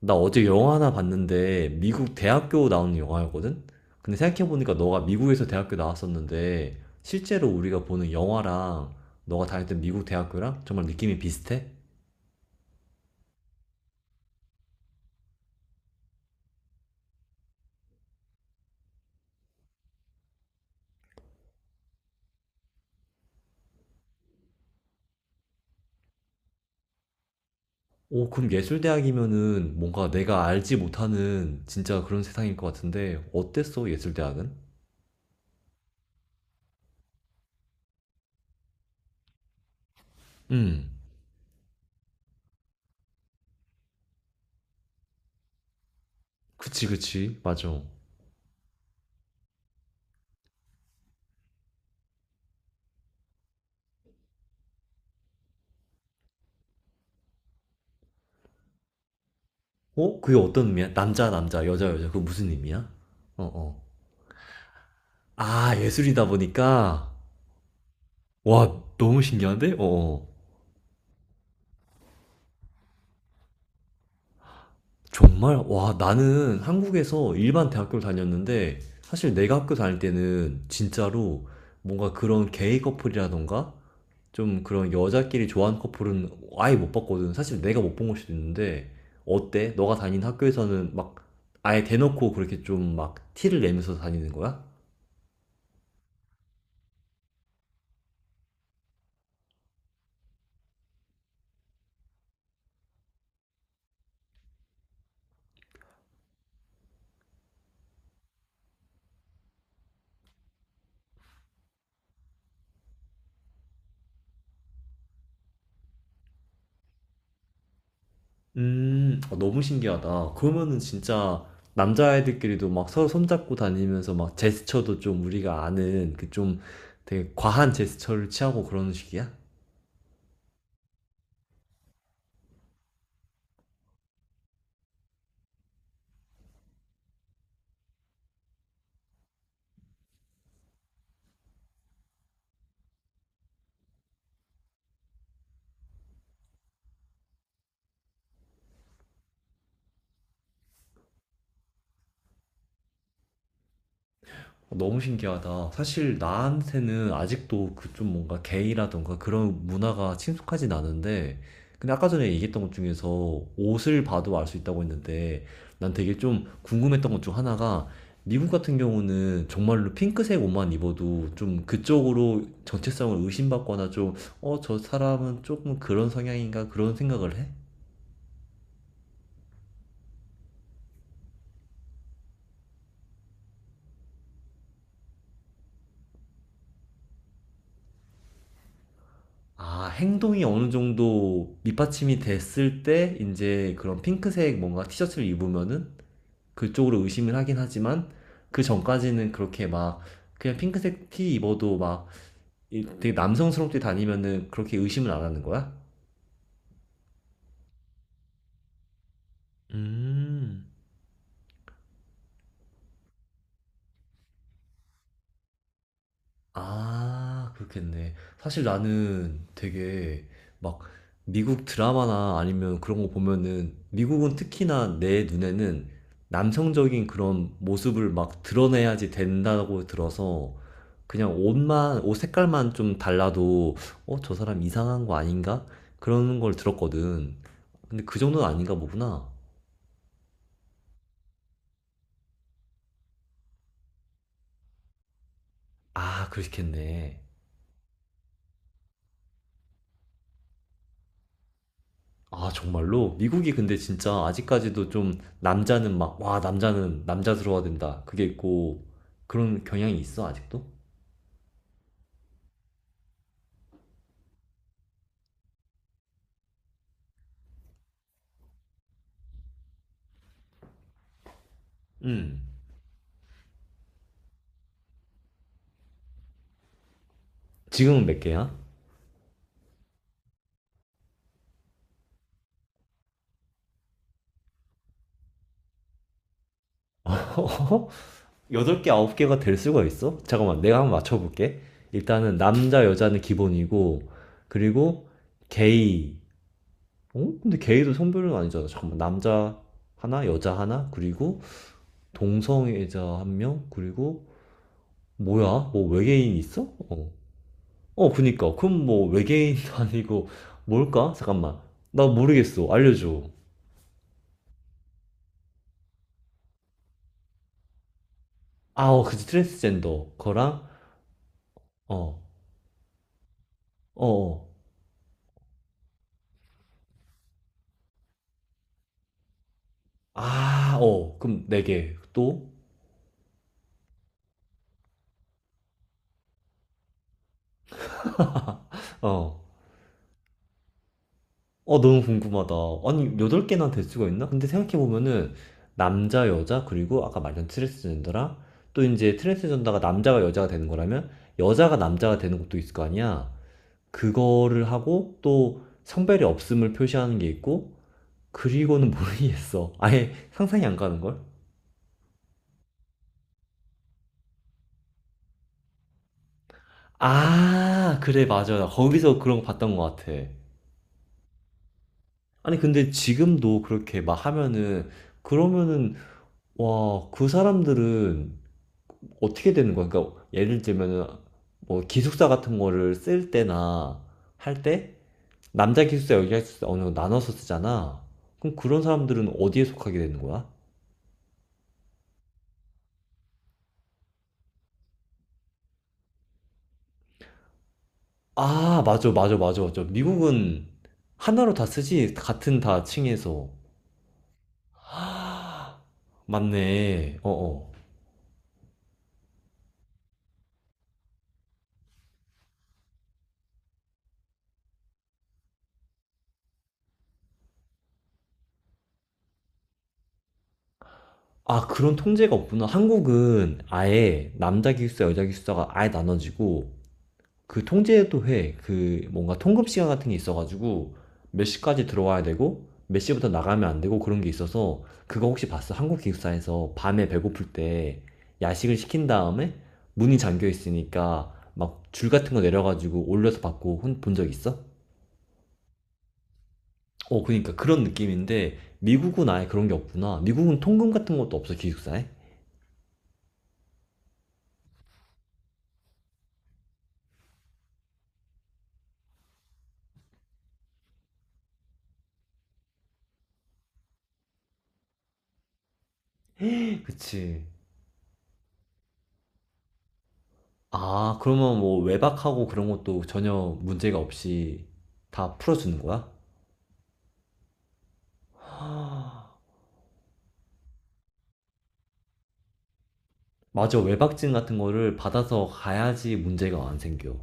나 어제 영화 하나 봤는데 미국 대학교 나오는 영화였거든? 근데 생각해보니까 너가 미국에서 대학교 나왔었는데 실제로 우리가 보는 영화랑 너가 다녔던 미국 대학교랑 정말 느낌이 비슷해? 오, 그럼 예술대학이면은 뭔가 내가 알지 못하는 진짜 그런 세상일 것 같은데 어땠어, 예술대학은? 음, 그치, 그치, 맞아. 어? 그게 어떤 의미야? 남자, 남자, 여자, 여자, 그거 무슨 의미야? 어, 어. 아, 예술이다 보니까. 와, 너무 신기한데? 어. 어. 정말? 와, 나는 한국에서 일반 대학교를 다녔는데, 사실 내가 학교 다닐 때는 진짜로 뭔가 그런 게이 커플이라던가, 좀 그런 여자끼리 좋아하는 커플은 아예 못 봤거든. 사실 내가 못 본 걸 수도 있는데, 어때? 너가 다닌 학교에서는 막 아예 대놓고 그렇게 좀 막 티를 내면서 다니는 거야? 어, 너무 신기하다. 그러면은 진짜 남자애들끼리도 막 서로 손잡고 다니면서 막 제스처도 좀 우리가 아는 그 좀 되게 과한 제스처를 취하고 그런 식이야? 너무 신기하다. 사실 나한테는 아직도 그 좀 뭔가 게이라던가 그런 문화가 친숙하진 않은데, 근데 아까 전에 얘기했던 것 중에서 옷을 봐도 알 수 있다고 했는데, 난 되게 좀 궁금했던 것 중 하나가, 미국 같은 경우는 정말로 핑크색 옷만 입어도 좀 그쪽으로 정체성을 의심받거나 좀, 어, 저 사람은 조금 그런 성향인가 그런 생각을 해? 아, 행동이 어느 정도 밑받침이 됐을 때, 이제 그런 핑크색 뭔가 티셔츠를 입으면은 그쪽으로 의심을 하긴 하지만 그 전까지는 그렇게 막 그냥 핑크색 티 입어도 막 되게 남성스럽게 다니면은 그렇게 의심을 안 하는 거야? 음. 아, 그렇겠네. 사실 나는 되게 막 미국 드라마나 아니면 그런 거 보면은 미국은 특히나 내 눈에는 남성적인 그런 모습을 막 드러내야지 된다고 들어서 그냥 옷만, 옷 색깔만 좀 달라도, 어, 저 사람 이상한 거 아닌가? 그런 걸 들었거든. 근데 그 정도는 아닌가 보구나. 아, 그렇겠네. 아, 정말로? 미국이 근데 진짜 아직까지도 좀 남자는 막, 와, 남자는 남자스러워야 된다. 그게 있고, 그런 경향이 있어, 아직도? 음. 지금은 몇 개야? 여덟 개 아홉 개가 될 수가 있어? 잠깐만, 내가 한번 맞춰볼게. 일단은 남자, 여자는 기본이고, 그리고 게이, 어? 근데 게이도 성별은 아니잖아. 잠깐만. 남자 하나, 여자 하나, 그리고 동성애자 한 명, 그리고 뭐야? 뭐 외계인 있어? 어. 어, 그니까. 그럼 뭐 외계인도 아니고 뭘까? 잠깐만. 나 모르겠어. 알려줘. 아, 어, 그치. 트랜스젠더. 거랑, 어, 어, 어. 아, 어. 그럼 네 개. 또? 어. 어, 너무 궁금하다. 아니, 여덟 개나 될 수가 있나? 근데 생각해보면은, 남자, 여자, 그리고 아까 말한 트랜스젠더랑, 또 이제 트랜스젠더가 남자가 여자가 되는 거라면, 여자가 남자가 되는 것도 있을 거 아니야? 그거를 하고, 또 성별이 없음을 표시하는 게 있고, 그리고는 모르겠어. 아예 상상이 안 가는걸? 아, 그래, 맞아. 나 거기서 그런 거 봤던 것 같아. 아니, 근데 지금도 그렇게 막 하면은, 그러면은, 와, 그 사람들은 어떻게 되는 거야? 그러니까 예를 들면은 뭐 기숙사 같은 거를 쓸 때나 할 때 남자 기숙사 여기 기숙사 어느 정도 나눠서 쓰잖아. 그럼 그런 사람들은 어디에 속하게 되는 거야? 아, 맞아, 맞아, 맞아, 맞아. 미국은 하나로 다 쓰지 같은 다 층에서. 아, 맞네. 어, 어. 아, 그런 통제가 없구나. 한국은 아예 남자 기숙사, 여자 기숙사가 아예 나눠지고 그 통제도회 그 뭔가 통금 시간 같은 게 있어가지고 몇 시까지 들어와야 되고 몇 시부터 나가면 안 되고 그런 게 있어서 그거 혹시 봤어? 한국 기숙사에서 밤에 배고플 때 야식을 시킨 다음에 문이 잠겨 있으니까 막 줄 같은 거 내려가지고 올려서 받고 본 적 있어? 어, 그러니까 그런 느낌인데 미국은 아예 그런 게 없구나. 미국은 통금 같은 것도 없어 기숙사에? 그치. 아, 그러면 뭐 외박하고 그런 것도 전혀 문제가 없이 다 풀어주는 거야? 맞아, 외박증 같은 거를 받아서 가야지 문제가 안 생겨.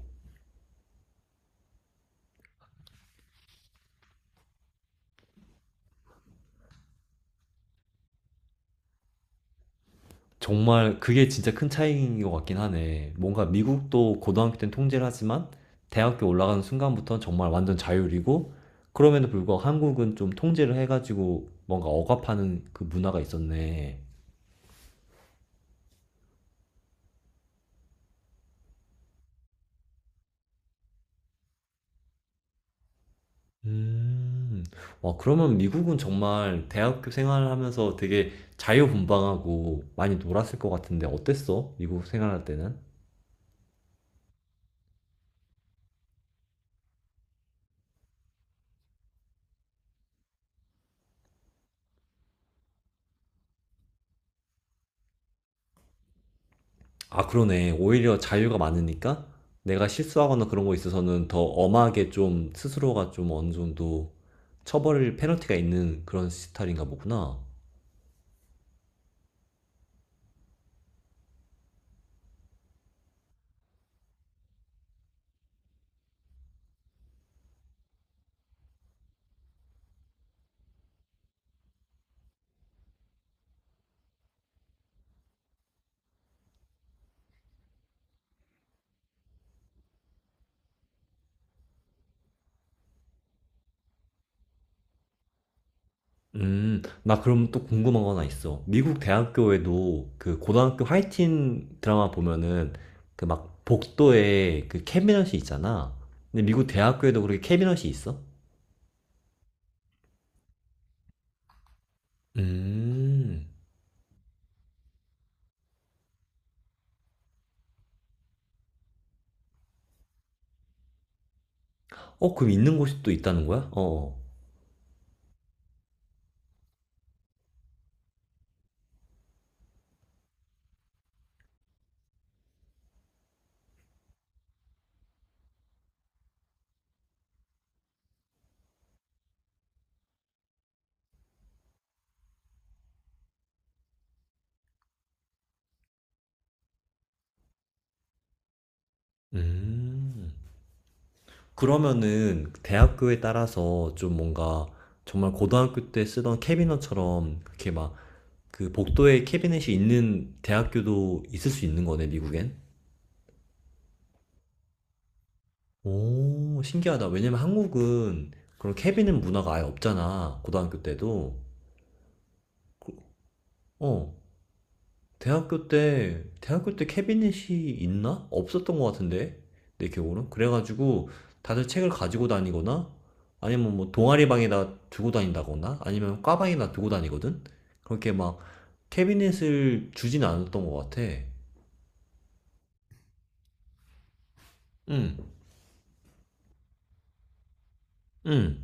정말 그게 진짜 큰 차이인 것 같긴 하네. 뭔가 미국도 고등학교 때는 통제를 하지만 대학교 올라가는 순간부터는 정말 완전 자율이고 그럼에도 불구하고 한국은 좀 통제를 해가지고 뭔가 억압하는 그 문화가 있었네. 음, 와, 그러면 미국은 정말 대학교 생활을 하면서 되게 자유분방하고 많이 놀았을 것 같은데 어땠어? 미국 생활할 때는? 아, 그러네. 오히려 자유가 많으니까 내가 실수하거나 그런 거 있어서는 더 엄하게 좀 스스로가 좀 어느 정도 처벌 페널티가 있는 그런 스타일인가 보구나. 나 그럼 또 궁금한 거 하나 있어. 미국 대학교에도 그 고등학교 화이팅 드라마 보면은 그 막 복도에 그 캐비넷이 있잖아. 근데 미국 대학교에도 그렇게 캐비넷이 있어? 음, 어, 그럼 있는 곳이 또 있다는 거야? 어, 어. 음. 그러면은 대학교에 따라서 좀 뭔가 정말 고등학교 때 쓰던 캐비닛처럼 그렇게 막 그 복도에 캐비닛이 있는 대학교도 있을 수 있는 거네, 미국엔? 오, 신기하다. 왜냐면 한국은 그런 캐비닛 문화가 아예 없잖아, 고등학교 때도. 어, 대학교 때 캐비닛이 있나? 없었던 것 같은데, 내 기억으로. 그래가지고, 다들 책을 가지고 다니거나, 아니면 뭐 동아리 방에다 두고 다닌다거나, 아니면 과방에다 두고 다니거든? 그렇게 막, 캐비닛을 주진 않았던 것 같아. 응, 응,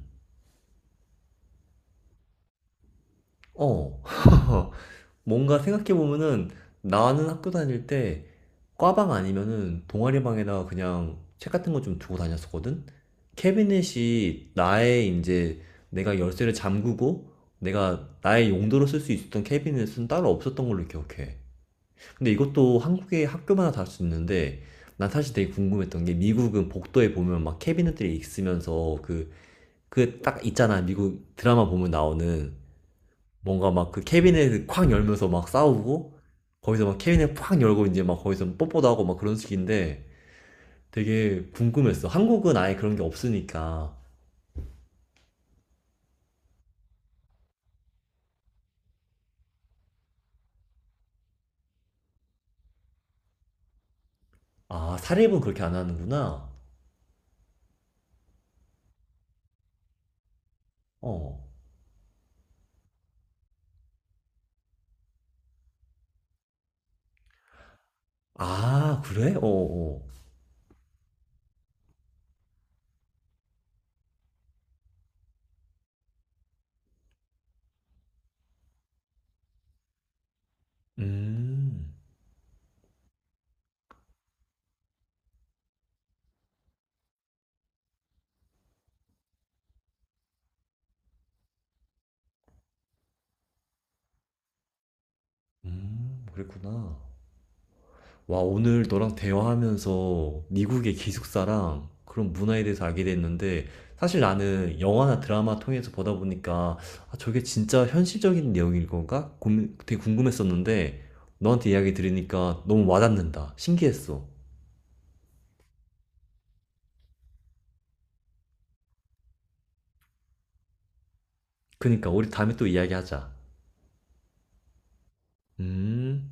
어. 뭔가 생각해보면은 나는 학교 다닐 때 과방 아니면은 동아리방에다가 그냥 책 같은 거 좀 두고 다녔었거든? 캐비넷이 나의 이제 내가 열쇠를 잠그고 내가 나의 용도로 쓸 수 있었던 캐비넷은 따로 없었던 걸로 기억해. 근데 이것도 한국의 학교마다 다를 수 있는데 난 사실 되게 궁금했던 게 미국은 복도에 보면 막 캐비넷들이 있으면서 그, 그 딱 있잖아. 미국 드라마 보면 나오는 뭔가 막 그 캐비넷을 콱 열면서 막 싸우고 거기서 막 캐비넷 콱 열고 이제 막 거기서 뽀뽀도 하고 막 그런 식인데 되게 궁금했어. 한국은 아예 그런 게 없으니까. 아, 사립은 그렇게 안 하는구나. 어. 아, 그래? 어어. 음. 음, 그랬구나. 와, 오늘 너랑 대화하면서 미국의 기숙사랑 그런 문화에 대해서 알게 됐는데, 사실 나는 영화나 드라마 통해서 보다 보니까, 아, 저게 진짜 현실적인 내용일 건가? 되게 궁금했었는데, 너한테 이야기 들으니까 너무 와닿는다. 신기했어. 그니까, 우리 다음에 또 이야기하자. 음.